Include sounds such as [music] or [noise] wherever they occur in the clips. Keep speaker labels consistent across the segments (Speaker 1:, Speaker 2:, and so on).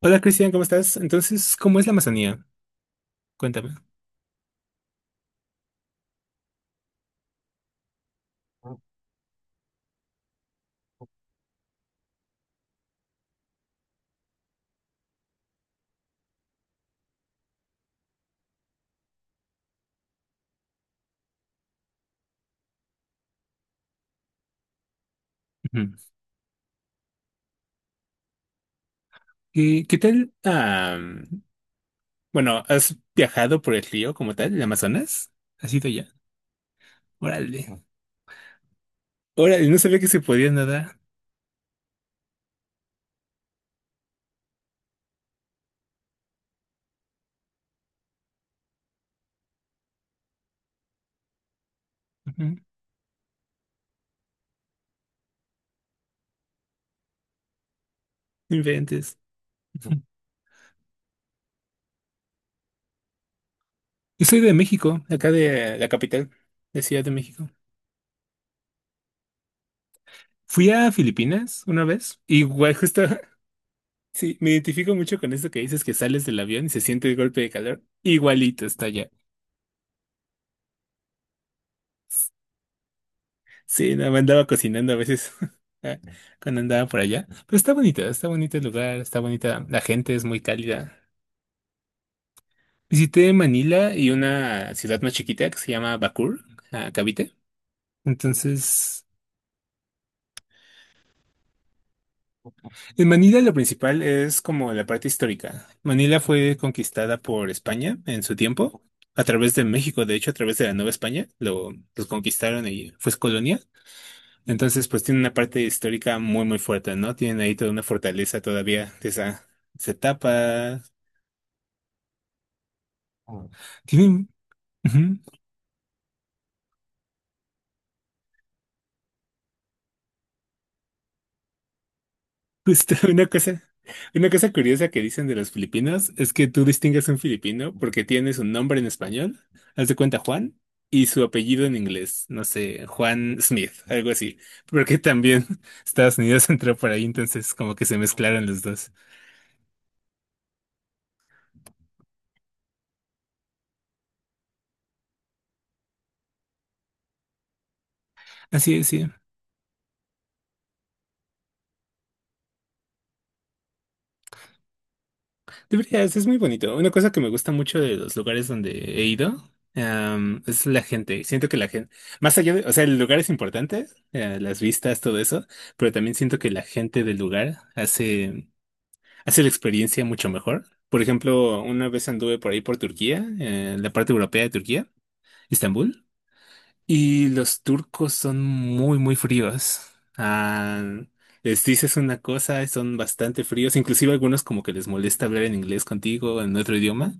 Speaker 1: Hola Cristian, ¿cómo estás? Entonces, ¿cómo es la Amazonía? Cuéntame. Ujú. ¿Y qué tal? Bueno, ¿has viajado por el río como tal, el Amazonas? ¿Has ido ya? Órale. Órale, no sabía que se podía nadar. Ujú. Inventes. Ujú. Yo soy de México, acá de la capital, de Ciudad de México. Fui a Filipinas una vez. Igual, justo, [laughs] sí, me identifico mucho con esto que dices que sales del avión y se siente el golpe de calor. Igualito está allá. Sí, no, me andaba cocinando a veces [laughs] ah, cuando andaba por allá. Pero está bonita, está bonito el lugar, está bonita. La gente es muy cálida. Visité Manila y una ciudad más chiquita que se llama Bakur, ah, Cavite. Entonces, en Manila lo principal es como la parte histórica. Manila fue conquistada por España en su tiempo, a través de México, de hecho, a través de la Nueva España, los conquistaron y fue colonia. Entonces, pues tiene una parte histórica muy, muy fuerte, ¿no? Tienen ahí toda una fortaleza todavía de esa etapa. Ah. Tienen, ujú. Justo, [laughs] una cosa curiosa que dicen de los filipinos es que tú distingues a un filipino porque tiene su nombre en español, haz de cuenta Juan, y su apellido en inglés, no sé, Juan Smith, algo así, porque también [laughs] Estados Unidos entró por ahí, entonces como que se mezclaron los dos. Así es, sí. Deberías, es muy bonito. Una cosa que me gusta mucho de los lugares donde he ido, es la gente. Siento que la gente, más allá de, o sea, el lugar es importante, las vistas, todo eso, pero también siento que la gente del lugar hace la experiencia mucho mejor. Por ejemplo, una vez anduve por ahí por Turquía, la parte europea de Turquía, Estambul. Y los turcos son muy, muy fríos. Ah, les dices una cosa, son bastante fríos. Inclusive algunos como que les molesta hablar en inglés contigo, en otro idioma,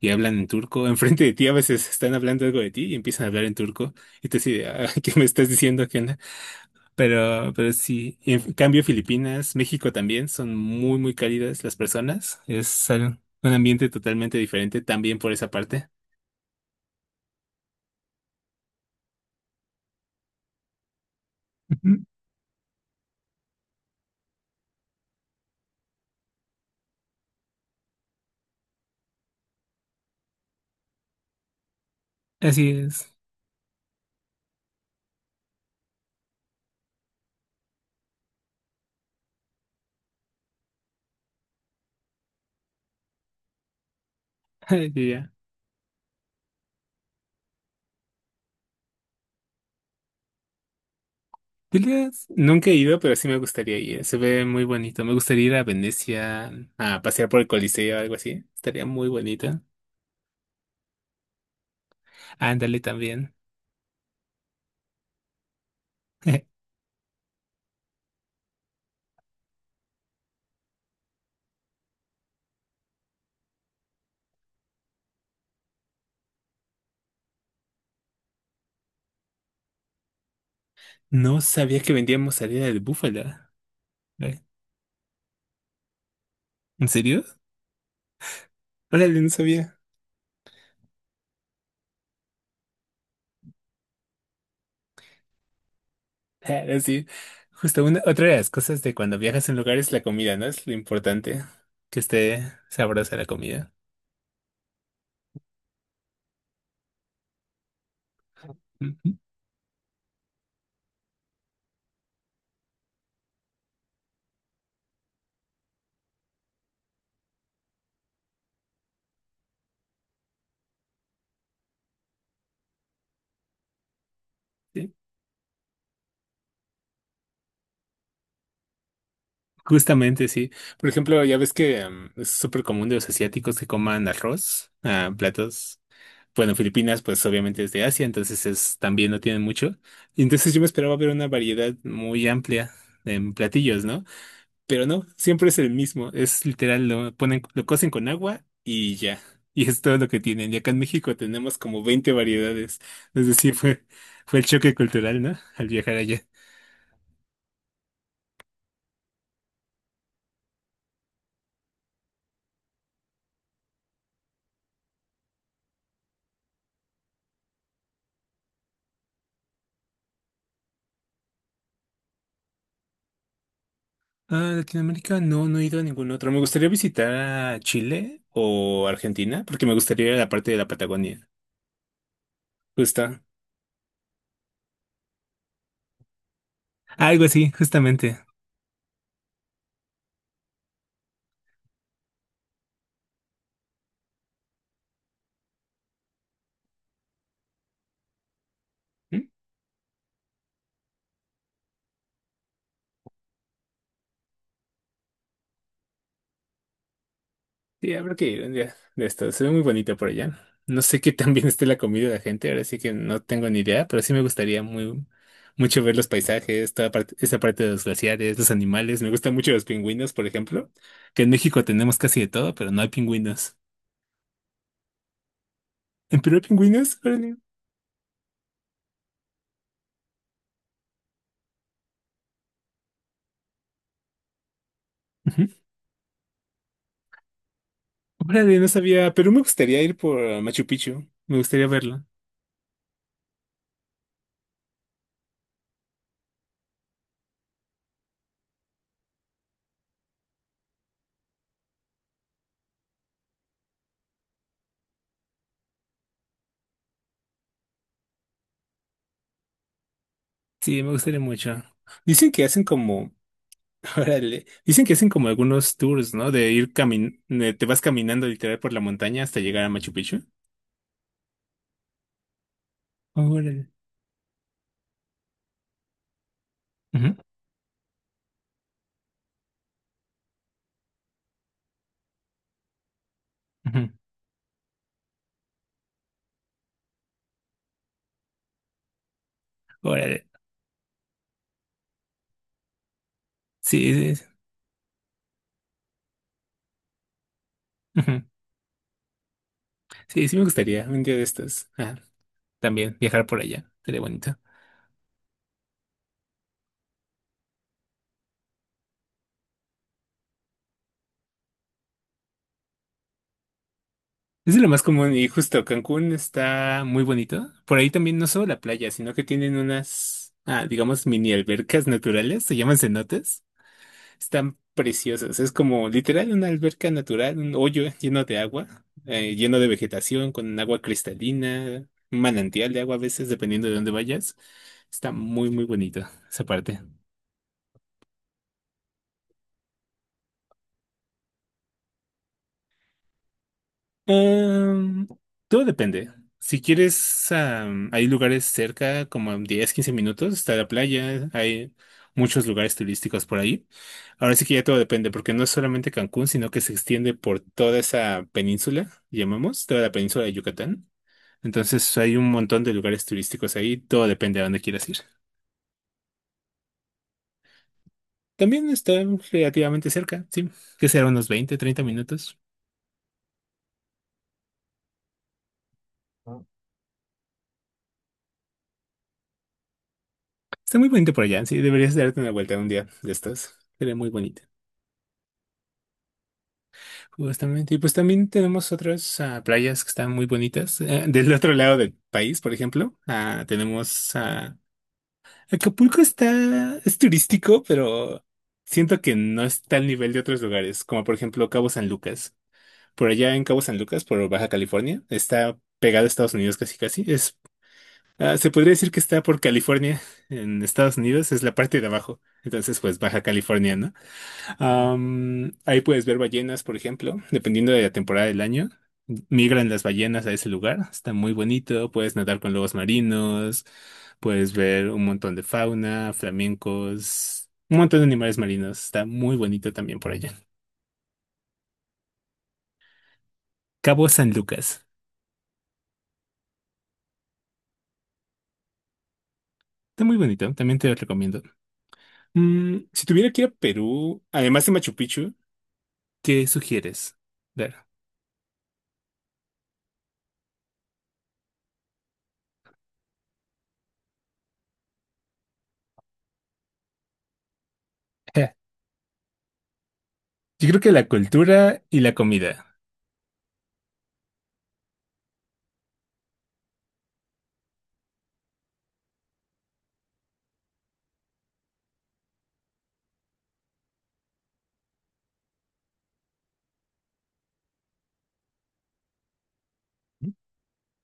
Speaker 1: y hablan en turco. [laughs] Enfrente de ti a veces están hablando algo de ti y empiezan a hablar en turco. Y te dices, [laughs] ¿qué me estás diciendo, Kena? Pero sí. En cambio, Filipinas, México también son muy, muy cálidas las personas. Un ambiente totalmente diferente también por esa parte. Ujú. Así es. [laughs] Ya. Julias, nunca he ido, pero sí me gustaría ir. Se ve muy bonito. Me gustaría ir a Venecia a pasear por el Coliseo o algo así. Estaría muy bonito. Ándale también. [laughs] No sabía que vendíamos salida de búfala. ¿Eh? ¿En serio? Órale, no sabía. [laughs] Ah, sí. Justo otra de las cosas de cuando viajas en lugares es la comida, ¿no? Es lo importante. Que esté sabrosa la comida. Ujú. Sí. Justamente, sí. Por ejemplo, ya ves que es súper común de los asiáticos que coman arroz, platos. Bueno, Filipinas, pues obviamente es de Asia, entonces es, también no tienen mucho. Y entonces yo me esperaba ver una variedad muy amplia en platillos, ¿no? Pero no, siempre es el mismo. Es literal, lo ponen, lo cocen con agua y ya. Y es todo lo que tienen. Y acá en México tenemos como 20 variedades. Es decir, fue el choque cultural, ¿no? Al viajar allá. Ah, Latinoamérica, no, no he ido a ningún otro. Me gustaría visitar a Chile o Argentina, porque me gustaría ir a la parte de la Patagonia. Justo. Algo así, justamente. ¿Mm? Sí, habrá que ir un día de esto. Se ve muy bonito por allá. No sé qué tan bien esté la comida de la gente, ahora sí que no tengo ni idea, pero sí me gustaría muy mucho ver los paisajes, toda parte, esa parte de los glaciares, los animales. Me gustan mucho los pingüinos, por ejemplo, que en México tenemos casi de todo, pero no hay pingüinos. ¿En Perú hay pingüinos? Órale. Órale, no sabía, pero me gustaría ir por Machu Picchu. Me gustaría verlo. Sí, me gustaría mucho. Dicen que hacen como, [laughs] órale, dicen que hacen como algunos tours, ¿no? Te vas caminando literal por la montaña hasta llegar a Machu Picchu. Órale. Ujú, ujú. Órale. Sí, sí, sí. Ujú. Sí, sí me gustaría un día de estos. Ah, también viajar por allá. Sería bonito. Es de lo más común y justo Cancún está muy bonito. Por ahí también no solo la playa, sino que tienen unas, digamos, mini albercas naturales, se llaman cenotes. Están preciosas, es como literal una alberca natural, un hoyo lleno de agua, lleno de vegetación, con agua cristalina, un manantial de agua a veces, dependiendo de dónde vayas. Está muy, muy bonito esa parte. Em, todo depende. Si quieres, hay lugares cerca, como en 10, 15 minutos, está la playa, hay muchos lugares turísticos por ahí. Ahora sí que ya todo depende, porque no es solamente Cancún, sino que se extiende por toda esa península, llamamos, toda la península de Yucatán. Entonces hay un montón de lugares turísticos ahí, todo depende a dónde quieras ir. También está relativamente cerca, sí, que será unos 20, 30 minutos. Está muy bonito por allá, sí, deberías darte una vuelta un día de estos. Sería muy bonito. Justamente, y pues también tenemos otras playas que están muy bonitas. Del otro lado del país, por ejemplo, tenemos Acapulco está, es turístico, pero siento que no está al nivel de otros lugares, como por ejemplo Cabo San Lucas. Por allá en Cabo San Lucas, por Baja California, está pegado a Estados Unidos casi casi. Es, se podría decir que está por California, en Estados Unidos, es la parte de abajo. Entonces, pues Baja California, ¿no? Ahí puedes ver ballenas, por ejemplo, dependiendo de la temporada del año. Migran las ballenas a ese lugar, está muy bonito, puedes nadar con lobos marinos, puedes ver un montón de fauna, flamencos, un montón de animales marinos, está muy bonito también por allá. Cabo San Lucas, está muy bonito, también te lo recomiendo. Si tuviera que ir a Perú, además de Machu Picchu, ¿qué sugieres? Ver. [laughs] Yo creo que la cultura y la comida.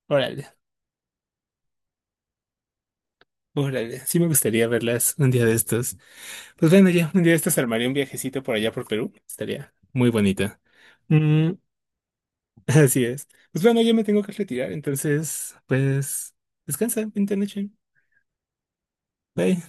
Speaker 1: Órale. Órale, sí me gustaría verlas un día de estos. Pues bueno, ya un día de estos armaría un viajecito por allá por Perú. Estaría muy bonita. Mm, [laughs] así es. Pues bueno, yo me tengo que retirar, entonces, pues, descansa, buena noche. Bye.